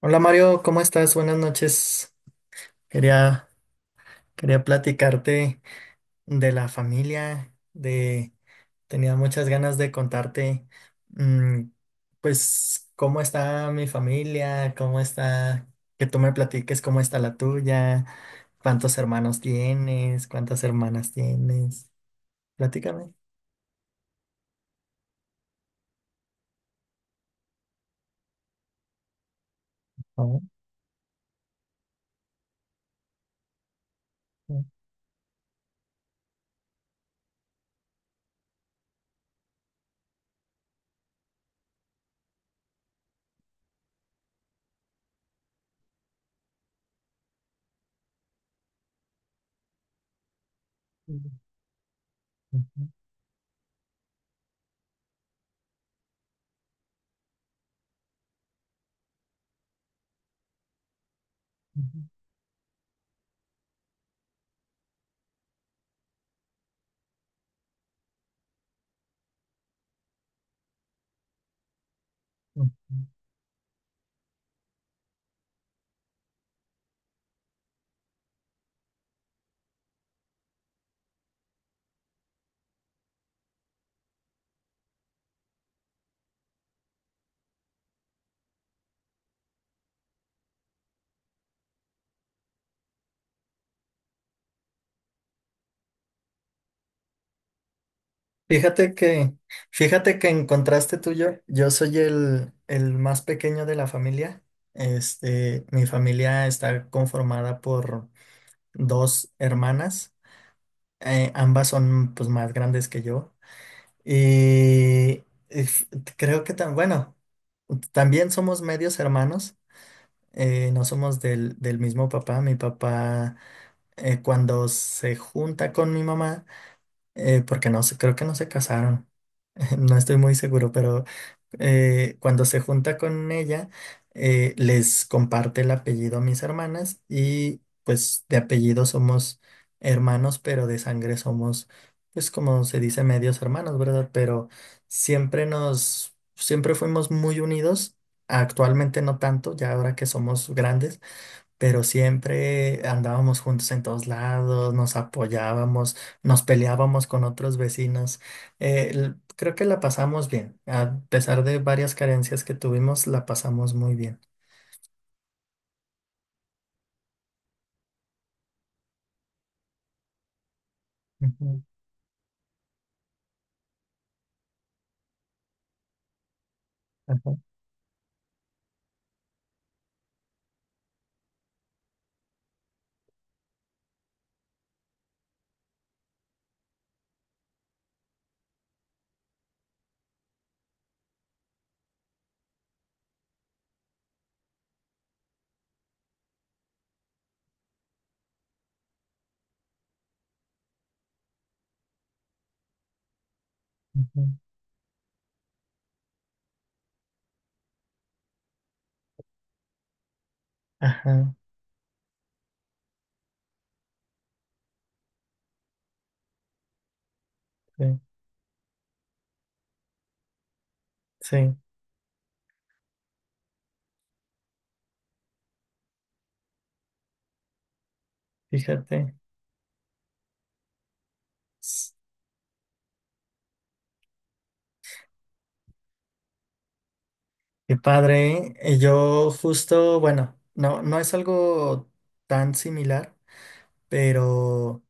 Hola Mario, ¿cómo estás? Buenas noches. Quería, quería platicarte de la familia, de tenía muchas ganas de contarte, mm, pues cómo está mi familia, cómo está, que tú me platiques cómo está la tuya, cuántos hermanos tienes, cuántas hermanas tienes. Platícame. Oh, oh, oh, ujú, ujú, ujú. Fíjate que, fíjate que en contraste tuyo, yo soy el más pequeño de la familia. Este, mi familia está conformada por dos hermanas. Ambas son pues más grandes que yo. Y f- creo que tan, bueno, también somos medios hermanos. No somos del mismo papá. Mi papá, cuando se junta con mi mamá, porque creo que no se casaron. No estoy muy seguro, pero cuando se junta con ella, les comparte el apellido a mis hermanas y pues de apellido somos hermanos, pero de sangre somos, pues como se dice, medios hermanos, ¿verdad? Pero siempre fuimos muy unidos. Actualmente no tanto, ya ahora que somos grandes, pero siempre andábamos juntos en todos lados, nos apoyábamos, nos peleábamos con otros vecinos. Creo que la pasamos bien, a pesar de varias carencias que tuvimos, la pasamos muy bien. Ujú, ajá, ujú, ajá, sí, sí, fíjate. S- Qué padre, ¿eh? Y yo justo, bueno, no, no es algo tan similar, pero...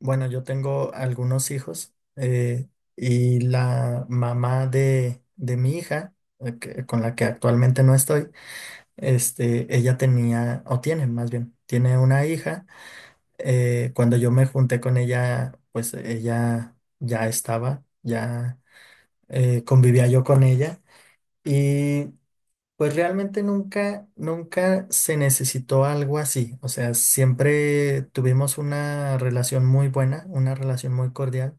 Bueno, yo tengo algunos hijos, y la mamá de mi hija, con la que actualmente no estoy, este, ella tenía, o tiene más bien, tiene una hija. Cuando yo me junté con ella, pues ella ya estaba, ya convivía yo con ella, y pues realmente nunca, nunca se necesitó algo así. O sea, siempre tuvimos una relación muy buena, una relación muy cordial,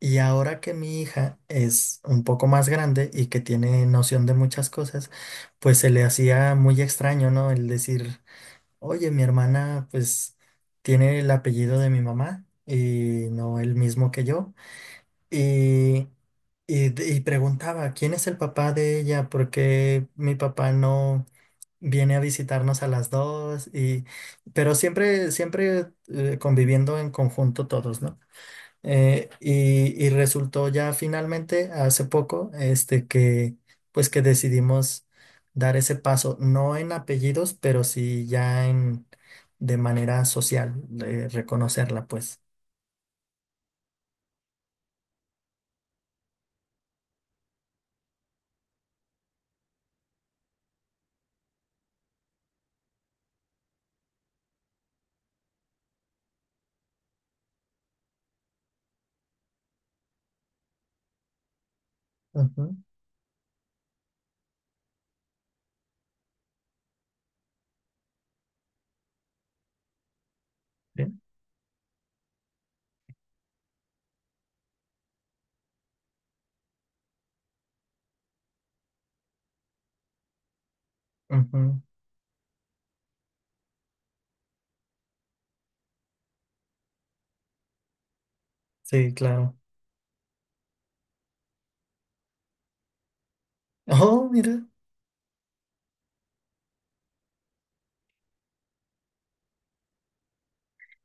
y ahora que mi hija es un poco más grande y que tiene noción de muchas cosas, pues se le hacía muy extraño, ¿no? El decir, oye, mi hermana pues tiene el apellido de mi mamá y no el mismo que yo. Y, y preguntaba, ¿quién es el papá de ella? ¿Por qué mi papá no viene a visitarnos a las dos? Y, pero siempre, siempre conviviendo en conjunto todos, ¿no? Y resultó ya finalmente hace poco este que pues que decidimos dar ese paso, no en apellidos, pero sí ya en de manera social, de reconocerla pues. Ujú, sí, ujú, sí, claro. Oh, mira.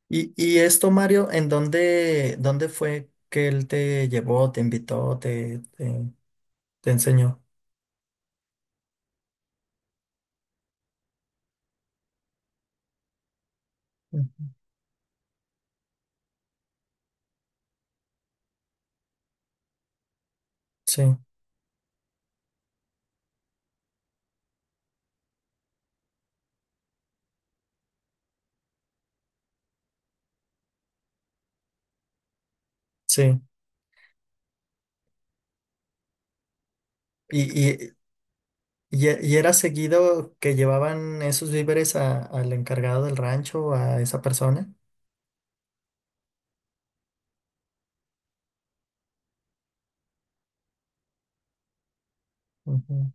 Y esto, Mario, ¿en dónde fue que él te llevó, te invitó, te enseñó? Ujú, sí, sí. Y, y era seguido que llevaban esos víveres a- al encargado del rancho, a esa persona? Ujú.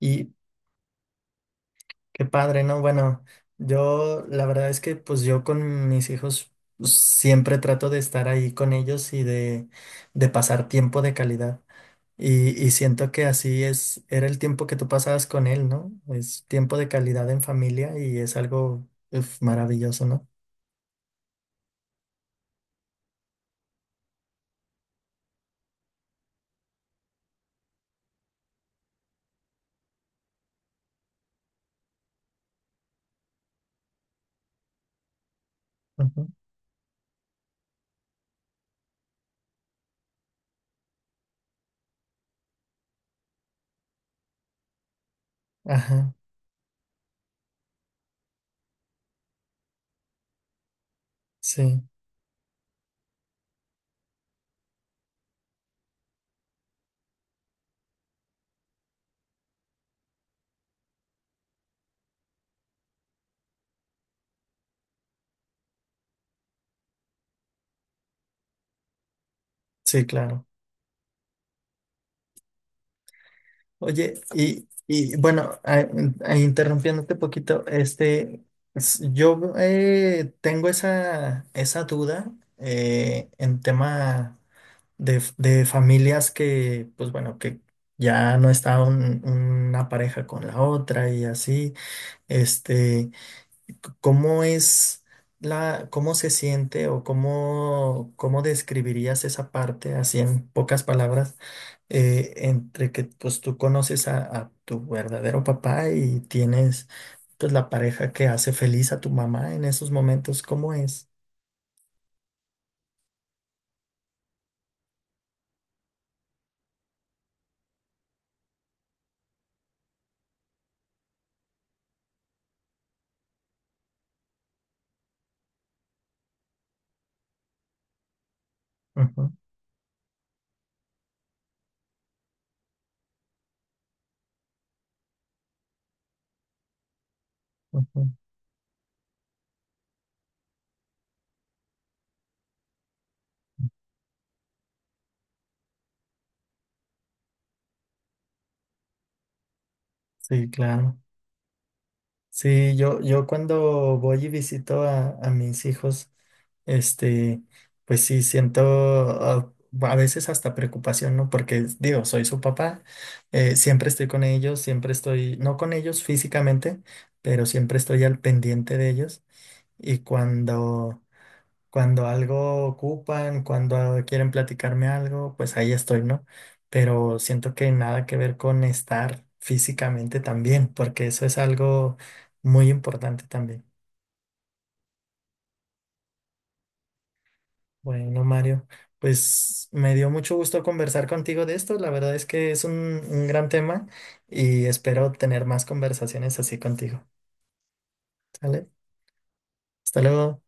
Y qué padre, ¿no? Bueno, yo la verdad es que pues yo con mis hijos, pues siempre trato de estar ahí con ellos y de pasar tiempo de calidad. Y siento que era el tiempo que tú pasabas con él, ¿no? Es tiempo de calidad en familia y es algo, uf, maravilloso, ¿no? Ujú. Ajá, sí, sí, claro. Oye, y bueno, interrumpiéndote poquito, este, yo tengo esa duda, en tema de familias que, pues bueno, que ya no está una pareja con la otra y así, este. ¿Cómo es cómo se siente o cómo describirías esa parte, así en pocas palabras, entre que pues tú conoces a tu verdadero papá y tienes pues la pareja que hace feliz a tu mamá en esos momentos? ¿Cómo es? Ujú, ujú. Sí, claro. Sí, yo cuando voy y visito a mis hijos, este, pues sí, siento, a veces hasta preocupación, ¿no? Porque digo, soy su papá, siempre estoy con ellos, siempre estoy, no con ellos físicamente, pero siempre estoy al pendiente de ellos. Y cuando algo ocupan, cuando quieren platicarme algo, pues ahí estoy, ¿no? Pero siento que nada que ver con estar físicamente también, porque eso es algo muy importante también. Bueno, Mario, pues me dio mucho gusto conversar contigo de esto. La verdad es que es un gran tema y espero tener más conversaciones así contigo. ¿Sale? Hasta luego.